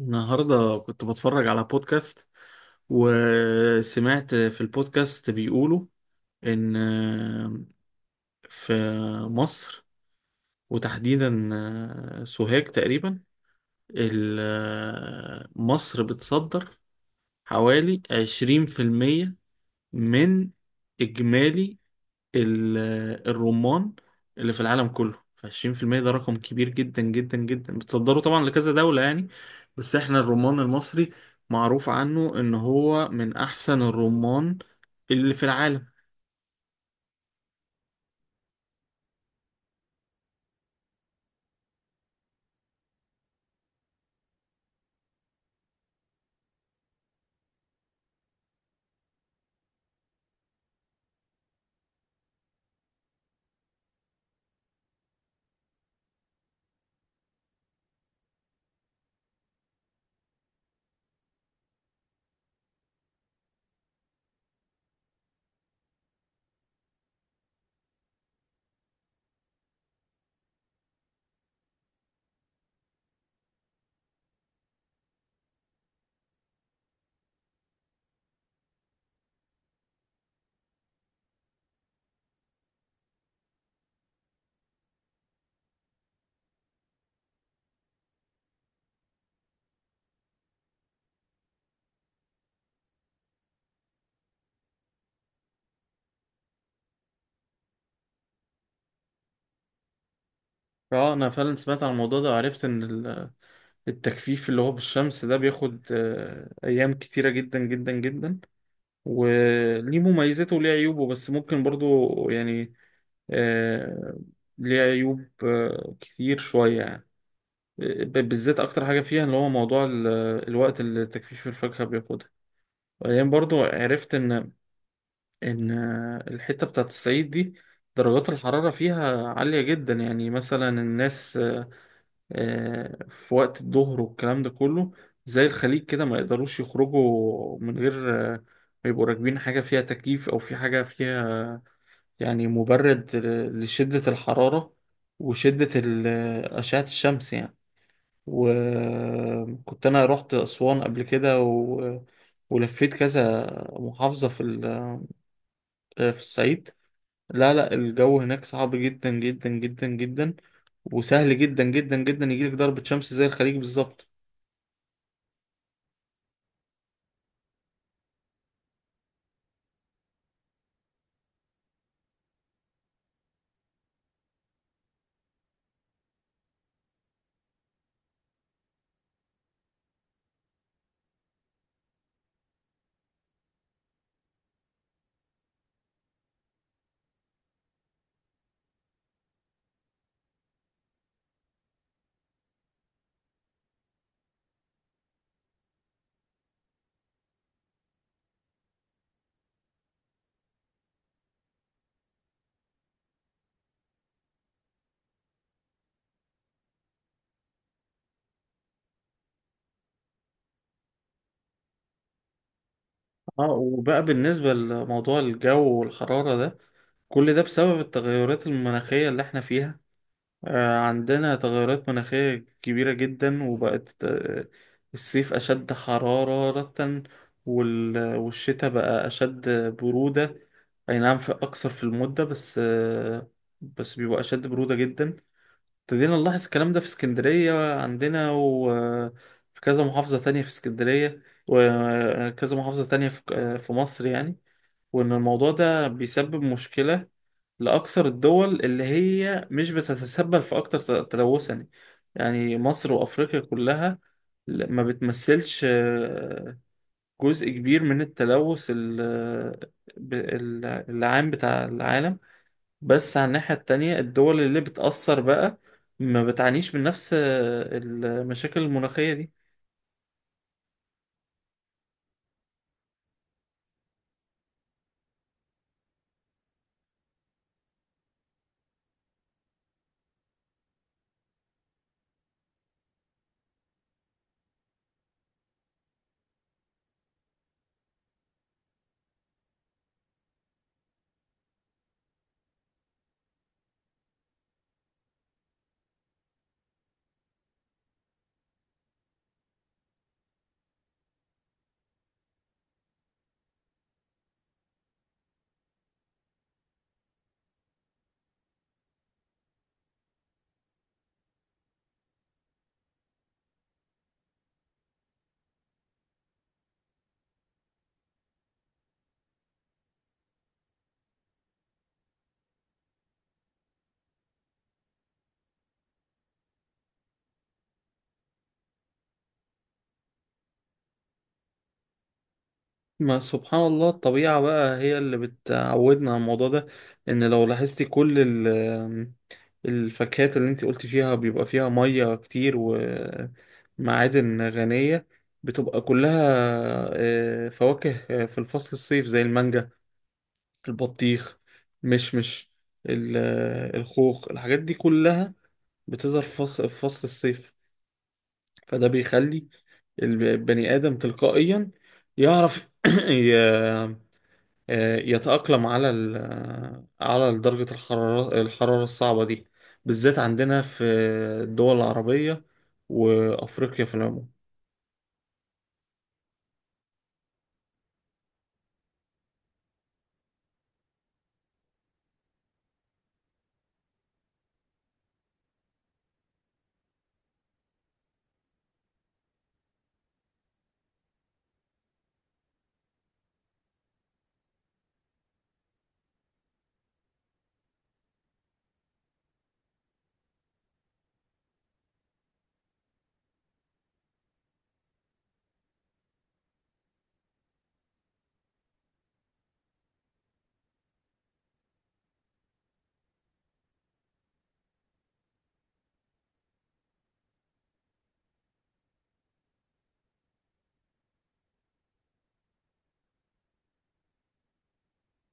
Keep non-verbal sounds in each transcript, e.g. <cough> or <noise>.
النهاردة كنت بتفرج على بودكاست، وسمعت في البودكاست بيقولوا إن في مصر، وتحديدا سوهاج تقريبا، مصر بتصدر حوالي 20% من إجمالي ال- الرمان اللي في العالم كله. ف20% ده رقم كبير جدا جدا جدا، بتصدره طبعا لكذا دولة، يعني. بس احنا الرمان المصري معروف عنه ان هو من احسن الرمان اللي في العالم. اه، انا فعلا سمعت عن الموضوع ده، وعرفت ان التجفيف اللي هو بالشمس ده بياخد ايام كتيرة جدا جدا جدا، وليه مميزاته وليه عيوبه، بس ممكن برضو، يعني، آه، ليه عيوب كتير شوية، يعني. بالذات اكتر حاجه فيها اللي هو موضوع الوقت اللي تجفيف الفاكهه بياخدها. وبعدين برضو عرفت ان الحته بتاعت الصعيد دي درجات الحراره فيها عاليه جدا. يعني مثلا الناس في وقت الظهر والكلام ده كله، زي الخليج كده، ما يقدروش يخرجوا من غير آه، ما يبقوا راكبين حاجه فيها تكييف، او في حاجه فيها، يعني، مبرد لشده الحراره، وشده اشعه الشمس، يعني. وكنت انا رحت اسوان قبل كده ولفيت كذا محافظة في ال... آه، في الصعيد. لا، لا، الجو هناك صعب جدا جدا جدا جدا، وسهل جدا جدا جدا يجيلك ضربة شمس زي الخليج بالظبط. اه، وبقى بالنسبة لموضوع الجو والحرارة ده، كل ده بسبب التغيرات المناخية اللي احنا فيها. عندنا تغيرات مناخية كبيرة جدا، وبقت الصيف أشد حرارة، والشتاء بقى أشد برودة. أي نعم في أكثر في المدة، بس بس بيبقى أشد برودة جدا. ابتدينا نلاحظ الكلام ده في اسكندرية عندنا، وفي كذا محافظة تانية في اسكندرية، وكذا محافظة تانية في مصر، يعني. وإن الموضوع ده بيسبب مشكلة لأكثر الدول اللي هي مش بتتسبب في أكتر تلوثا. يعني مصر وأفريقيا كلها ما بتمثلش جزء كبير من التلوث العام بتاع العالم. بس على الناحية التانية، الدول اللي بتأثر بقى ما بتعانيش من نفس المشاكل المناخية دي. ما سبحان الله، الطبيعة بقى هي اللي بتعودنا على الموضوع ده. ان لو لاحظتي كل الفاكهات اللي انت قلت فيها بيبقى فيها مية كتير ومعادن غنية، بتبقى كلها فواكه في الفصل الصيف، زي المانجا، البطيخ، مشمش، الخوخ، الحاجات دي كلها بتظهر في فصل الصيف. فده بيخلي البني آدم تلقائيا يعرف <clears throat> ي- يتأقلم على ال آه، على درجة الحرارة الصعبة دي، بالذات عندنا في الدول العربية وأفريقيا في العموم.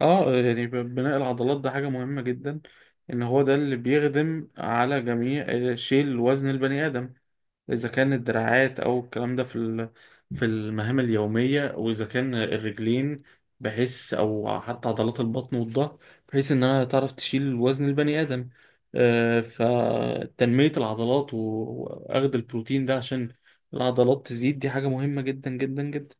اه، يعني بناء العضلات ده حاجة مهمة جدا. ان هو ده اللي بيخدم على جميع شيل وزن البني آدم، إذا كان الدراعات أو الكلام ده في المهام اليومية، وإذا كان الرجلين، بحيث أو حتى عضلات البطن والظهر، بحيث إن أنا تعرف تشيل وزن البني آدم. فتنمية العضلات وأخد البروتين ده عشان العضلات تزيد، دي حاجة مهمة جدا جدا جدا.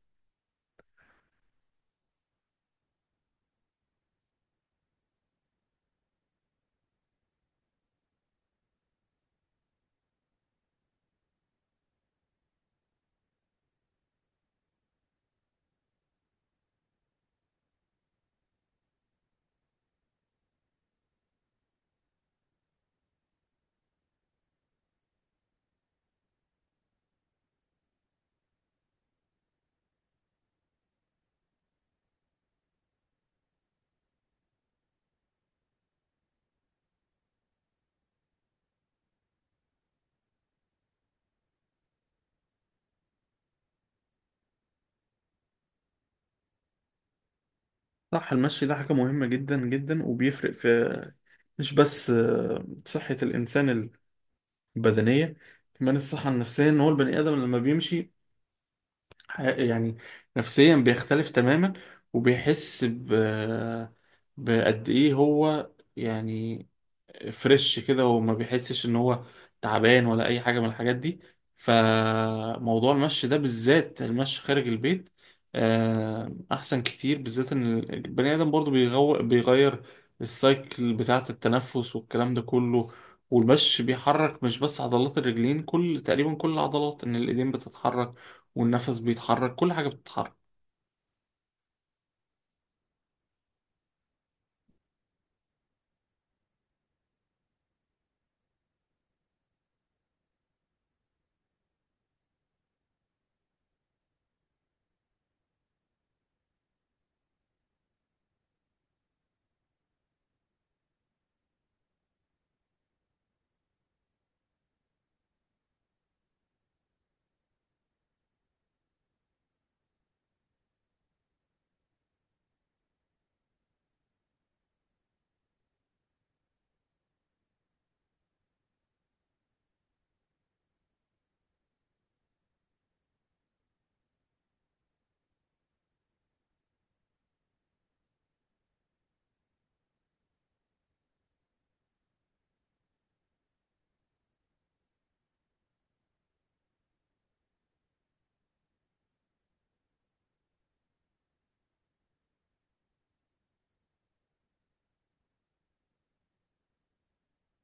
صح، المشي ده حاجة مهمة جدا جدا، وبيفرق في مش بس صحة الإنسان البدنية، كمان الصحة النفسية. إن هو البني آدم لما بيمشي يعني نفسيا بيختلف تماما، وبيحس بقد ايه هو، يعني، فريش كده، وما بيحسش ان هو تعبان ولا اي حاجه من الحاجات دي. فموضوع المشي ده، بالذات المشي خارج البيت، احسن كتير، بالذات ان البني ادم برضو بيغير السايكل بتاعه التنفس والكلام ده كله. والمشي بيحرك مش بس عضلات الرجلين، كل تقريبا كل العضلات، ان الايدين بتتحرك، والنفس بيتحرك، كل حاجه بتتحرك.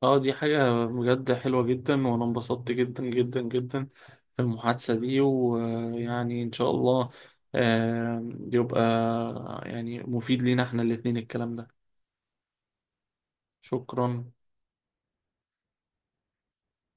اه، دي حاجة بجد حلوة جدا، وانا انبسطت جدا جدا جدا في المحادثة دي. ويعني ان شاء الله يبقى، يعني، مفيد لينا احنا الاتنين الكلام ده. شكرا.